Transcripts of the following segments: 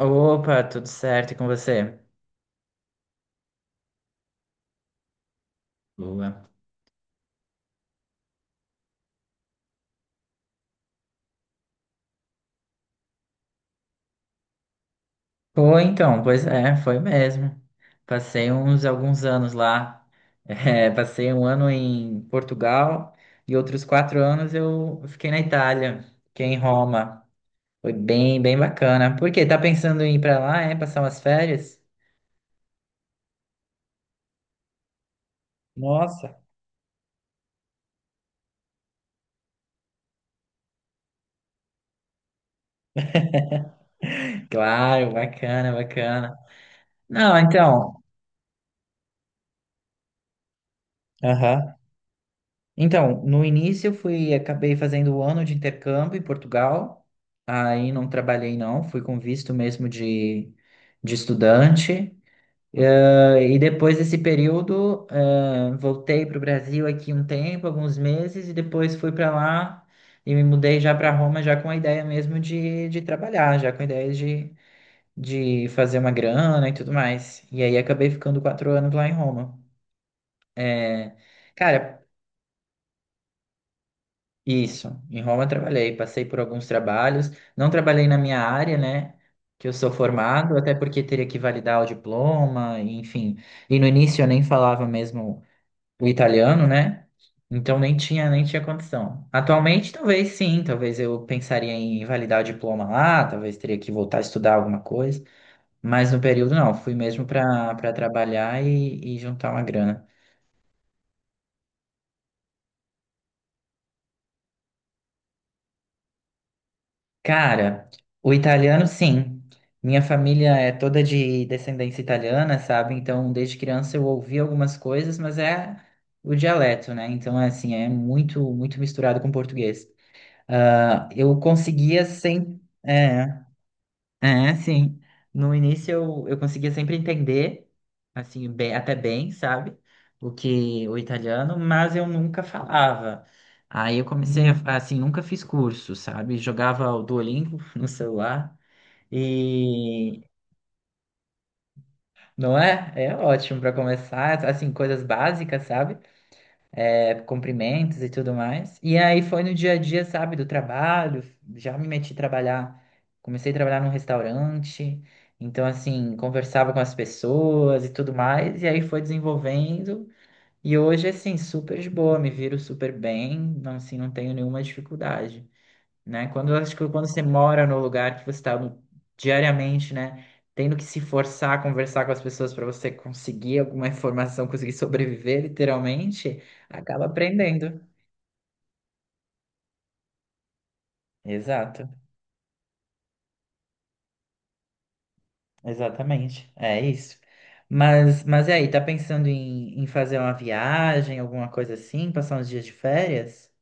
Opa, tudo certo e com você? Boa. Foi então, pois é, foi mesmo. Passei uns alguns anos lá. É, passei um ano em Portugal e outros quatro anos eu fiquei na Itália, fiquei em Roma. Foi bem, bem bacana. Por quê? Tá pensando em ir pra lá, é? Passar umas férias? Nossa, claro, bacana, bacana. Não, então. Aham. Então, no início eu fui, acabei fazendo o ano de intercâmbio em Portugal, aí não trabalhei não, fui com visto mesmo de estudante. E depois desse período voltei para o Brasil aqui um tempo, alguns meses, e depois fui para lá e me mudei já para Roma já com a ideia mesmo de trabalhar, já com a ideia de fazer uma grana e tudo mais, e aí acabei ficando quatro anos lá em Roma. Eh, Cara, isso, em Roma eu trabalhei, passei por alguns trabalhos, não trabalhei na minha área, né, que eu sou formado, até porque teria que validar o diploma, enfim. E no início eu nem falava mesmo o italiano, né? Então nem tinha condição. Atualmente talvez sim, talvez eu pensaria em validar o diploma lá, talvez teria que voltar a estudar alguma coisa, mas no período não, fui mesmo para trabalhar e juntar uma grana. Cara, o italiano, sim. Minha família é toda de descendência italiana, sabe? Então, desde criança eu ouvi algumas coisas, mas é o dialeto, né? Então, é assim, é muito, muito misturado com português. Ah, eu conseguia sem, é, é, sim. No início eu conseguia sempre entender, assim, bem, até bem, sabe? O que o italiano, mas eu nunca falava. Aí eu comecei a, assim, nunca fiz curso, sabe? Jogava o Duolingo no celular e não é? É ótimo para começar, assim, coisas básicas, sabe? É, cumprimentos e tudo mais. E aí foi no dia a dia, sabe, do trabalho, já me meti a trabalhar, comecei a trabalhar num restaurante, então assim, conversava com as pessoas e tudo mais, e aí foi desenvolvendo. E hoje, assim, super de boa, me viro super bem, não, assim, não tenho nenhuma dificuldade, né? Quando eu acho que quando você mora no lugar que você está diariamente, né, tendo que se forçar a conversar com as pessoas para você conseguir alguma informação, conseguir sobreviver, literalmente, acaba aprendendo. Exato, exatamente. É isso. Mas, e aí, tá pensando em, em fazer uma viagem, alguma coisa assim, passar uns dias de férias?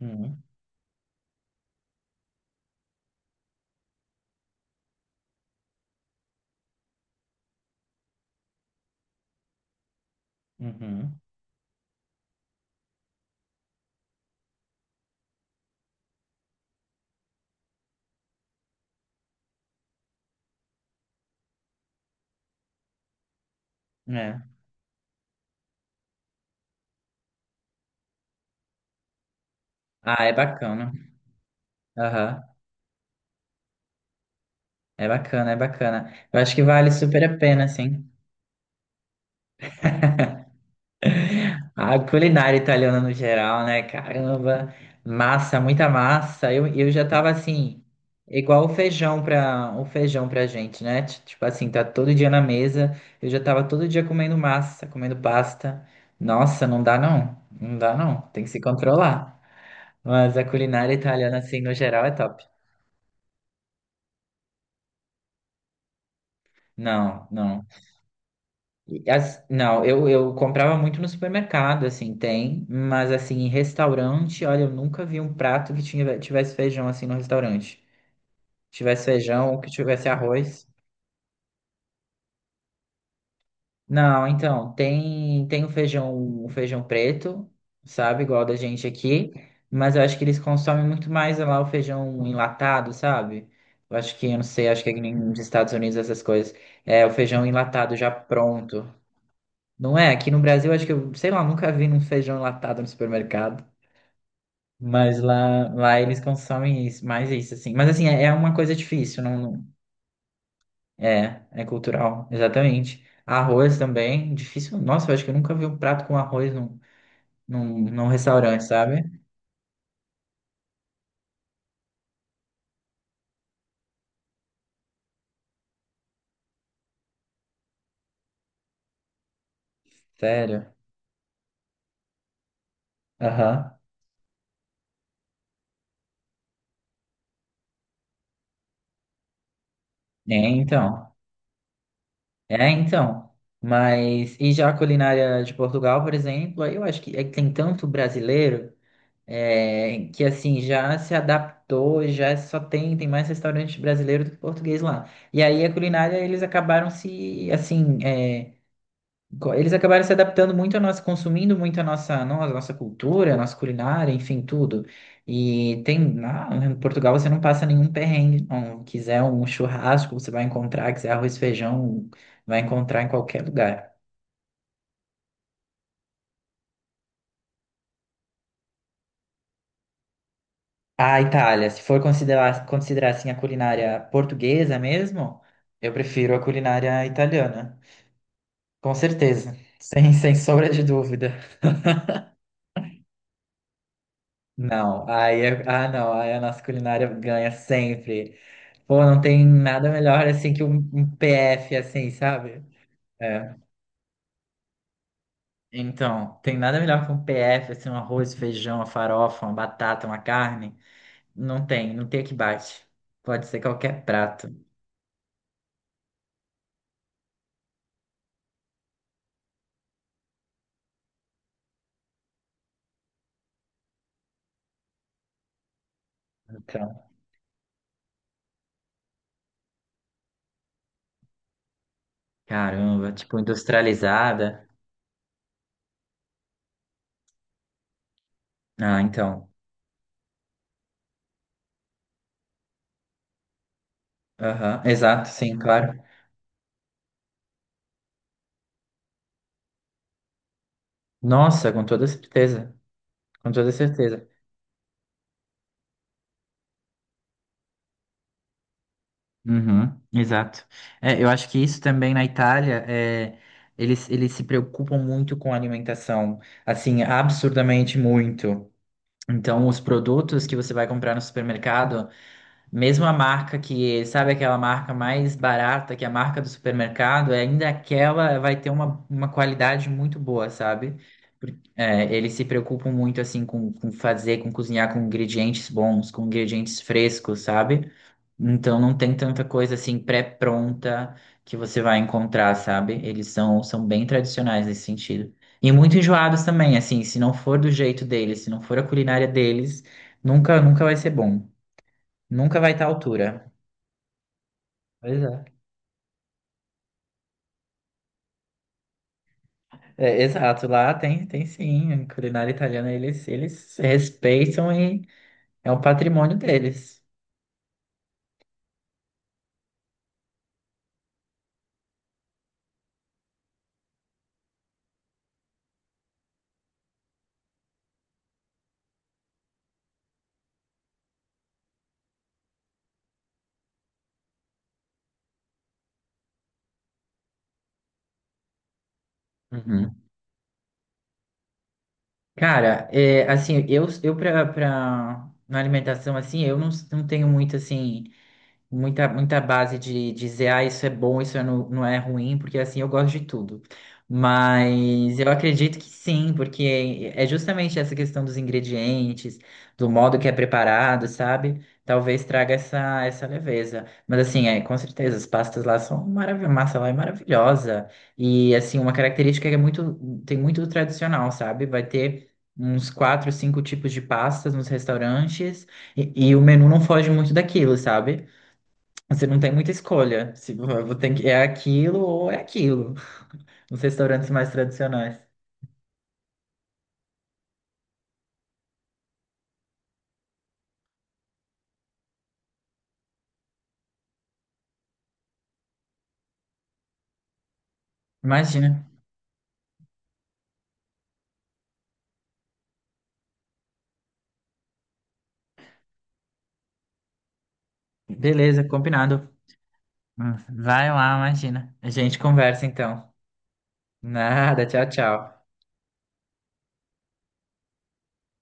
Uhum, uhum, é. Ah, é bacana. Aham, é bacana, é bacana. Eu acho que vale super a pena, sim. A culinária italiana no geral, né? Caramba, massa, muita massa. Eu já tava assim, igual o feijão pra gente, né? Tipo assim, tá todo dia na mesa. Eu já tava todo dia comendo massa, comendo pasta. Nossa, não dá não. Não dá não. Tem que se controlar. Mas a culinária italiana, assim, no geral, é top. Não, não. Não, eu comprava muito no supermercado, assim, tem, mas assim, em restaurante, olha, eu nunca vi um prato que tinha, tivesse feijão assim no restaurante. Tivesse feijão ou que tivesse arroz. Não, então, tem o feijão preto, sabe, igual da gente aqui, mas eu acho que eles consomem muito mais lá o feijão enlatado, sabe? Eu acho que, eu não sei, acho que é que nem nos Estados Unidos essas coisas. É, o feijão enlatado já pronto. Não é? Aqui no Brasil, acho que eu, sei lá, nunca vi um feijão enlatado no supermercado. Mas lá eles consomem isso, mais isso, assim. Mas assim, é, é uma coisa difícil, não, não- É, é cultural, exatamente. Arroz também, difícil. Nossa, eu acho que eu nunca vi um prato com arroz num restaurante, sabe? Sério. Aham. É, então. É, então. Mas, e já a culinária de Portugal, por exemplo, aí eu acho que é que tem tanto brasileiro. É, que assim já se adaptou, já só tem, tem mais restaurante brasileiro do que português lá. E aí a culinária eles acabaram se assim, é, eles acabaram se adaptando muito a nossa, consumindo muito a nossa, a nossa cultura, a nossa culinária, enfim, tudo. E tem, lá em Portugal você não passa nenhum perrengue, não. Quiser um churrasco, você vai encontrar, quiser arroz e feijão, vai encontrar em qualquer lugar. A Itália, se for considerar, assim a culinária portuguesa mesmo, eu prefiro a culinária italiana. Com certeza, sem, sem sombra de dúvida. Não, ah não, aí a nossa culinária ganha sempre. Pô, não tem nada melhor assim que um, PF assim, sabe? É. Então, tem nada melhor que um PF, assim, um arroz, feijão, uma farofa, uma batata, uma carne. Não tem, não tem o que bate. Pode ser qualquer prato. Caramba, tipo industrializada. Ah, então. Aham, exato, sim, claro. Nossa, com toda certeza. Com toda certeza. Uhum, exato. É, eu acho que isso também na Itália, é, eles se preocupam muito com a alimentação, assim, absurdamente muito. Então, os produtos que você vai comprar no supermercado. Mesmo a marca que, sabe aquela marca mais barata, que é a marca do supermercado, é ainda aquela vai ter uma qualidade muito boa, sabe? É, eles se preocupam muito, assim, com fazer, com cozinhar com ingredientes bons, com ingredientes frescos, sabe? Então não tem tanta coisa, assim, pré-pronta que você vai encontrar, sabe? Eles são bem tradicionais nesse sentido. E muito enjoados também, assim, se não for do jeito deles, se não for a culinária deles, nunca, nunca vai ser bom. Nunca vai estar à altura. Pois é. É, exato, lá tem, tem sim, a culinária italiana eles respeitam e é um patrimônio deles. Uhum. Cara, é, assim, eu, na alimentação, assim, eu não, não tenho muito, assim, muita, muita base de dizer, ah, isso é bom, isso é não, não é ruim, porque assim eu gosto de tudo. Mas eu acredito que sim, porque é justamente essa questão dos ingredientes, do modo que é preparado, sabe? Talvez traga essa, essa leveza. Mas assim, é, com certeza, as pastas lá são maravilhosas, massa lá é maravilhosa. E assim, uma característica que é muito, tem muito do tradicional, sabe? Vai ter uns quatro, cinco tipos de pastas nos restaurantes e o menu não foge muito daquilo, sabe? Você não tem muita escolha. Se tem que- é aquilo ou é aquilo. Nos restaurantes mais tradicionais. Imagina. Beleza, combinado. Vai lá, imagina. A gente conversa então. Nada, tchau, tchau.